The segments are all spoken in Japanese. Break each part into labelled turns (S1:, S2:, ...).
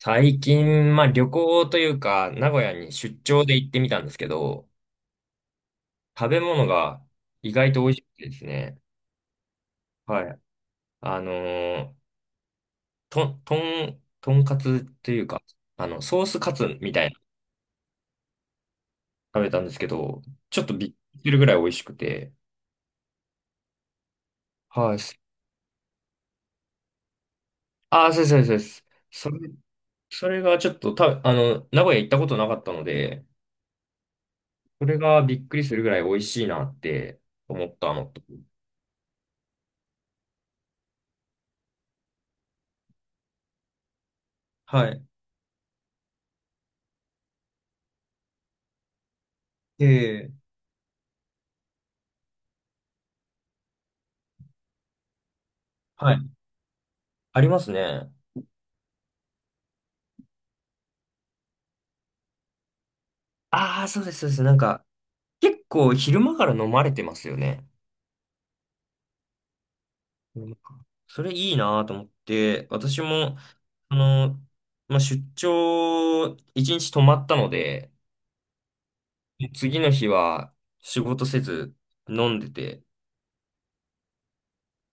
S1: 最近、まあ旅行というか、名古屋に出張で行ってみたんですけど、食べ物が意外と美味しくてですね。はい。あのーとんかつというか、ソースカツみたいなの食べたんですけど、ちょっとびっくりするぐらい美味しくて。はい。ああ、そうです、そうです。そうですそれ、それがちょっとた、あの、名古屋行ったことなかったので、それがびっくりするぐらい美味しいなって思ったのと。はい。ええ、はい。ありますね。ああ、そうです、そうです。なんか、結構昼間から飲まれてますよね。うん。それいいなと思って、私も、あの、まあ、出張、一日泊まったので、次の日は仕事せず飲んでて、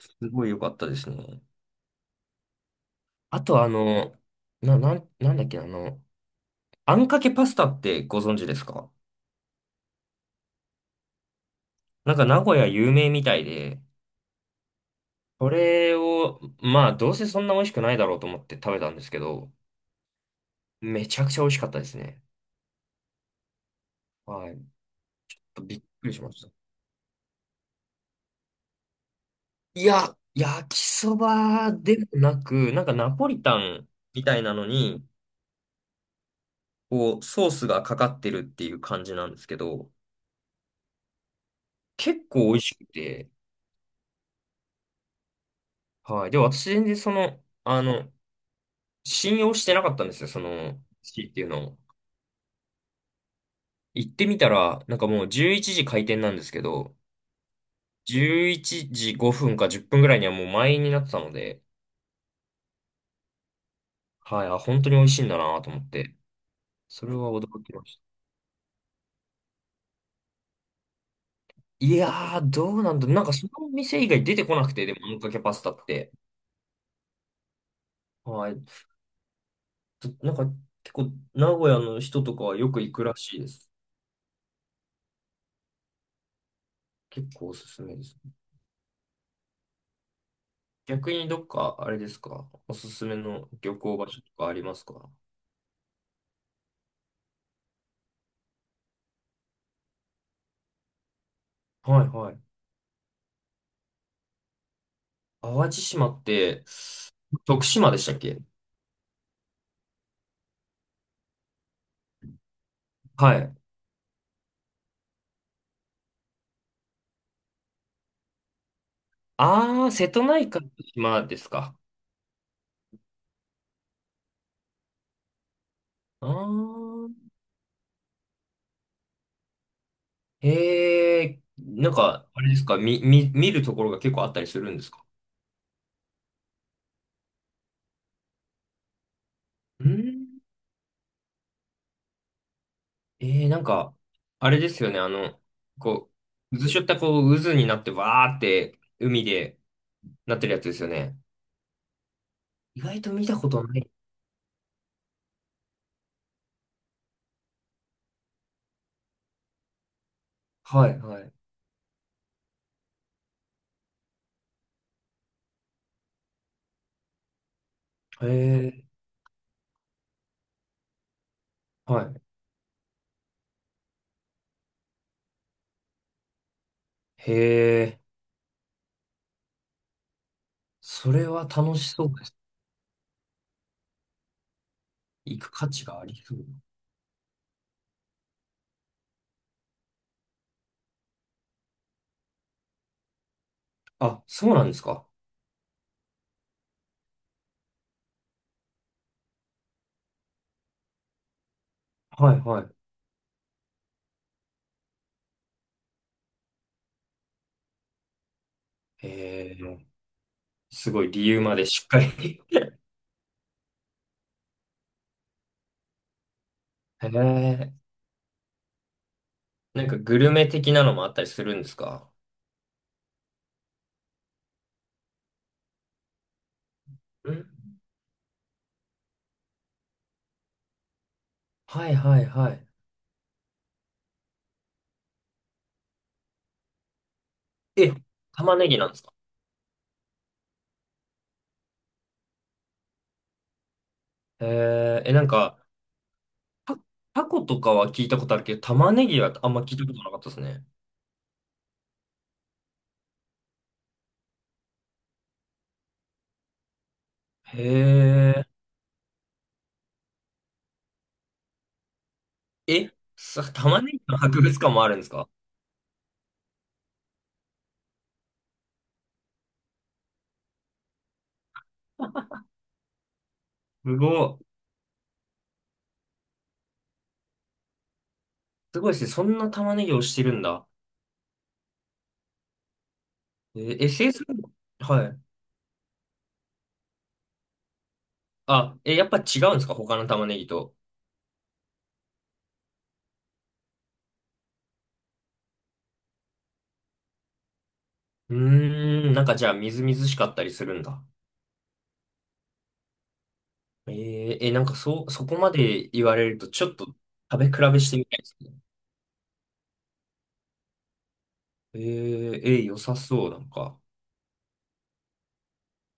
S1: すごい良かったですね。あと、なんだっけ、あんかけパスタってご存知ですか？なんか名古屋有名みたいで、これを、まあ、どうせそんな美味しくないだろうと思って食べたんですけど、めちゃくちゃ美味しかったですね。はい。びっくりしました。いや、焼きそばでもなく、なんかナポリタンみたいなのに、こう、ソースがかかってるっていう感じなんですけど、結構美味しくて、はい。で、私全然その、信用してなかったんですよ、その、シーっていうのを。行ってみたら、なんかもう11時開店なんですけど、11時5分か10分ぐらいにはもう満員になってたので、はい、あ、本当に美味しいんだなと思って、それは驚きました。いやー、どうなんだ。なんかその店以外出てこなくて、でも、あんかけパスタって。はい。なんか結構、名古屋の人とかはよく行くらしいです。結構おすすめです。逆にどっか、あれですか、おすすめの旅行場所とかありますか？はいはい。淡路島って、徳島でしたっけ？はい。あー、瀬戸内海の島ですか。あー、へえ、なんか、あれですか、見るところが結構あったりするんですか？うん、ええ、なんか、あれですよね、こう、渦しょったこう、渦になってわーって海でなってるやつですよね。意外と見たことない。はい、はい。へえ、はい。へえ、それは楽しそうです。行く価値がありそう。あ、そうなんですか。はい、はい。へえ、すごい理由までしっかり へえ、なんかグルメ的なのもあったりするんですか？うん、はい、はい、はい。え、玉ねぎなんですか？へえー、え、なんか、タタコとかは聞いたことあるけど、玉ねぎはあんま聞いたことなかったですね。へえ。え、玉ねぎの博物館もあるんですか？すごい。すごいですね。そんな玉ねぎをしてるんだ。SS？ はい。あ、え、やっぱ違うんですか他の玉ねぎと？うーん、なんかじゃあみずみずしかったりするんだ。なんかそう、そこまで言われるとちょっと食べ比べしてみたいですね。良さそう、なんか。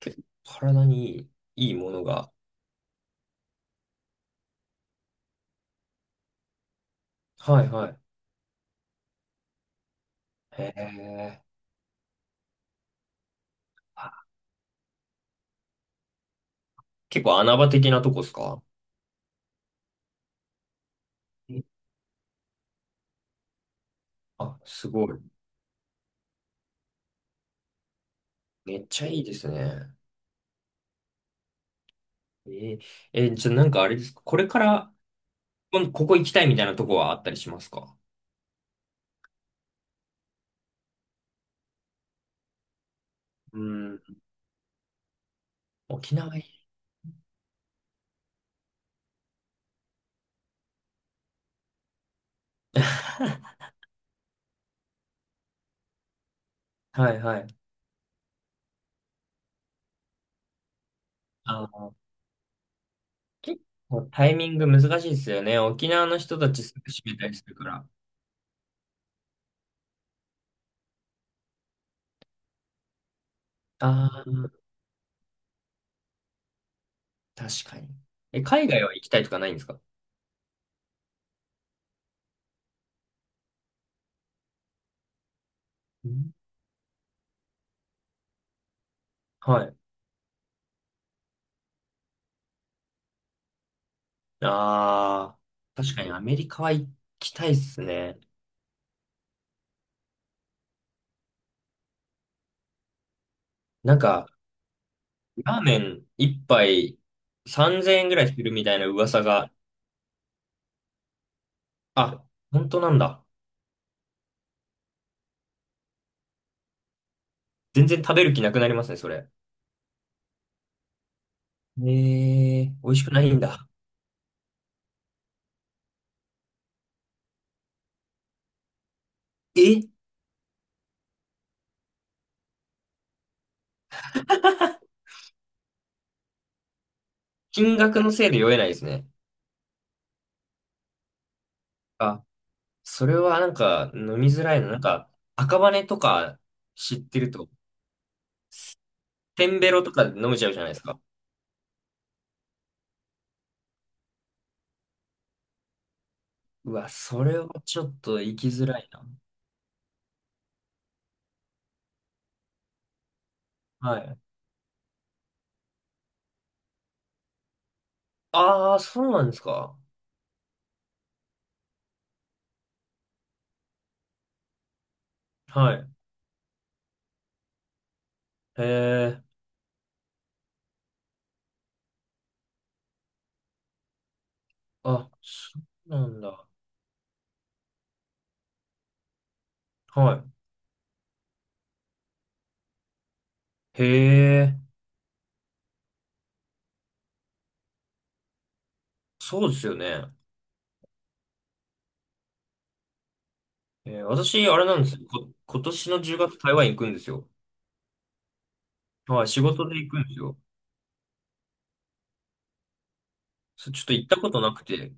S1: 結構体にいい、いいものが。はいはい。へえ。結構穴場的なとこですか？え、あ、すごい。めっちゃいいですね。えー、じゃあなんかあれですかこれから、ここ行きたいみたいなとこはあったりしますか？うん。沖縄いい。はいはい。あの、結構タイミング難しいですよね。沖縄の人たちすぐ閉めたりするから。ああ、確かに。え、海外は行きたいとかないんですか？うん、はい。ああ、確かにアメリカは行きたいっすね。なんか、ラーメン一杯3000円ぐらいするみたいな噂が、あ、本当なんだ。全然食べる気なくなりますね、それ。えー、美味しくないんだ。え金額のせいで酔えないですね。あ、それはなんか飲みづらいの。なんか赤羽とか知ってると、テンベロとかで飲めちゃうじゃないですか。うわ、それはちょっと行きづらいな。はい。ああ、そうなんですか。はい。へえ、あ、そうなんだ。はい。へえ。そうですよね。私、あれなんですよ。今年の10月台湾行くんですよ。はい、仕事で行くんですよ。ちょっと行ったことなくて、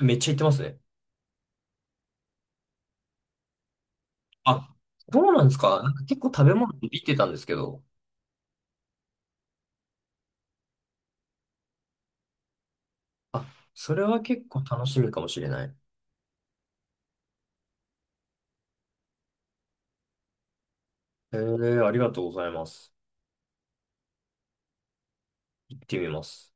S1: めっちゃ行ってますね。あ、そうなんですか。なんか結構食べ物って言ってたんですけど。あ、それは結構楽しみかもしれない。ありがとうございます。行ってみます。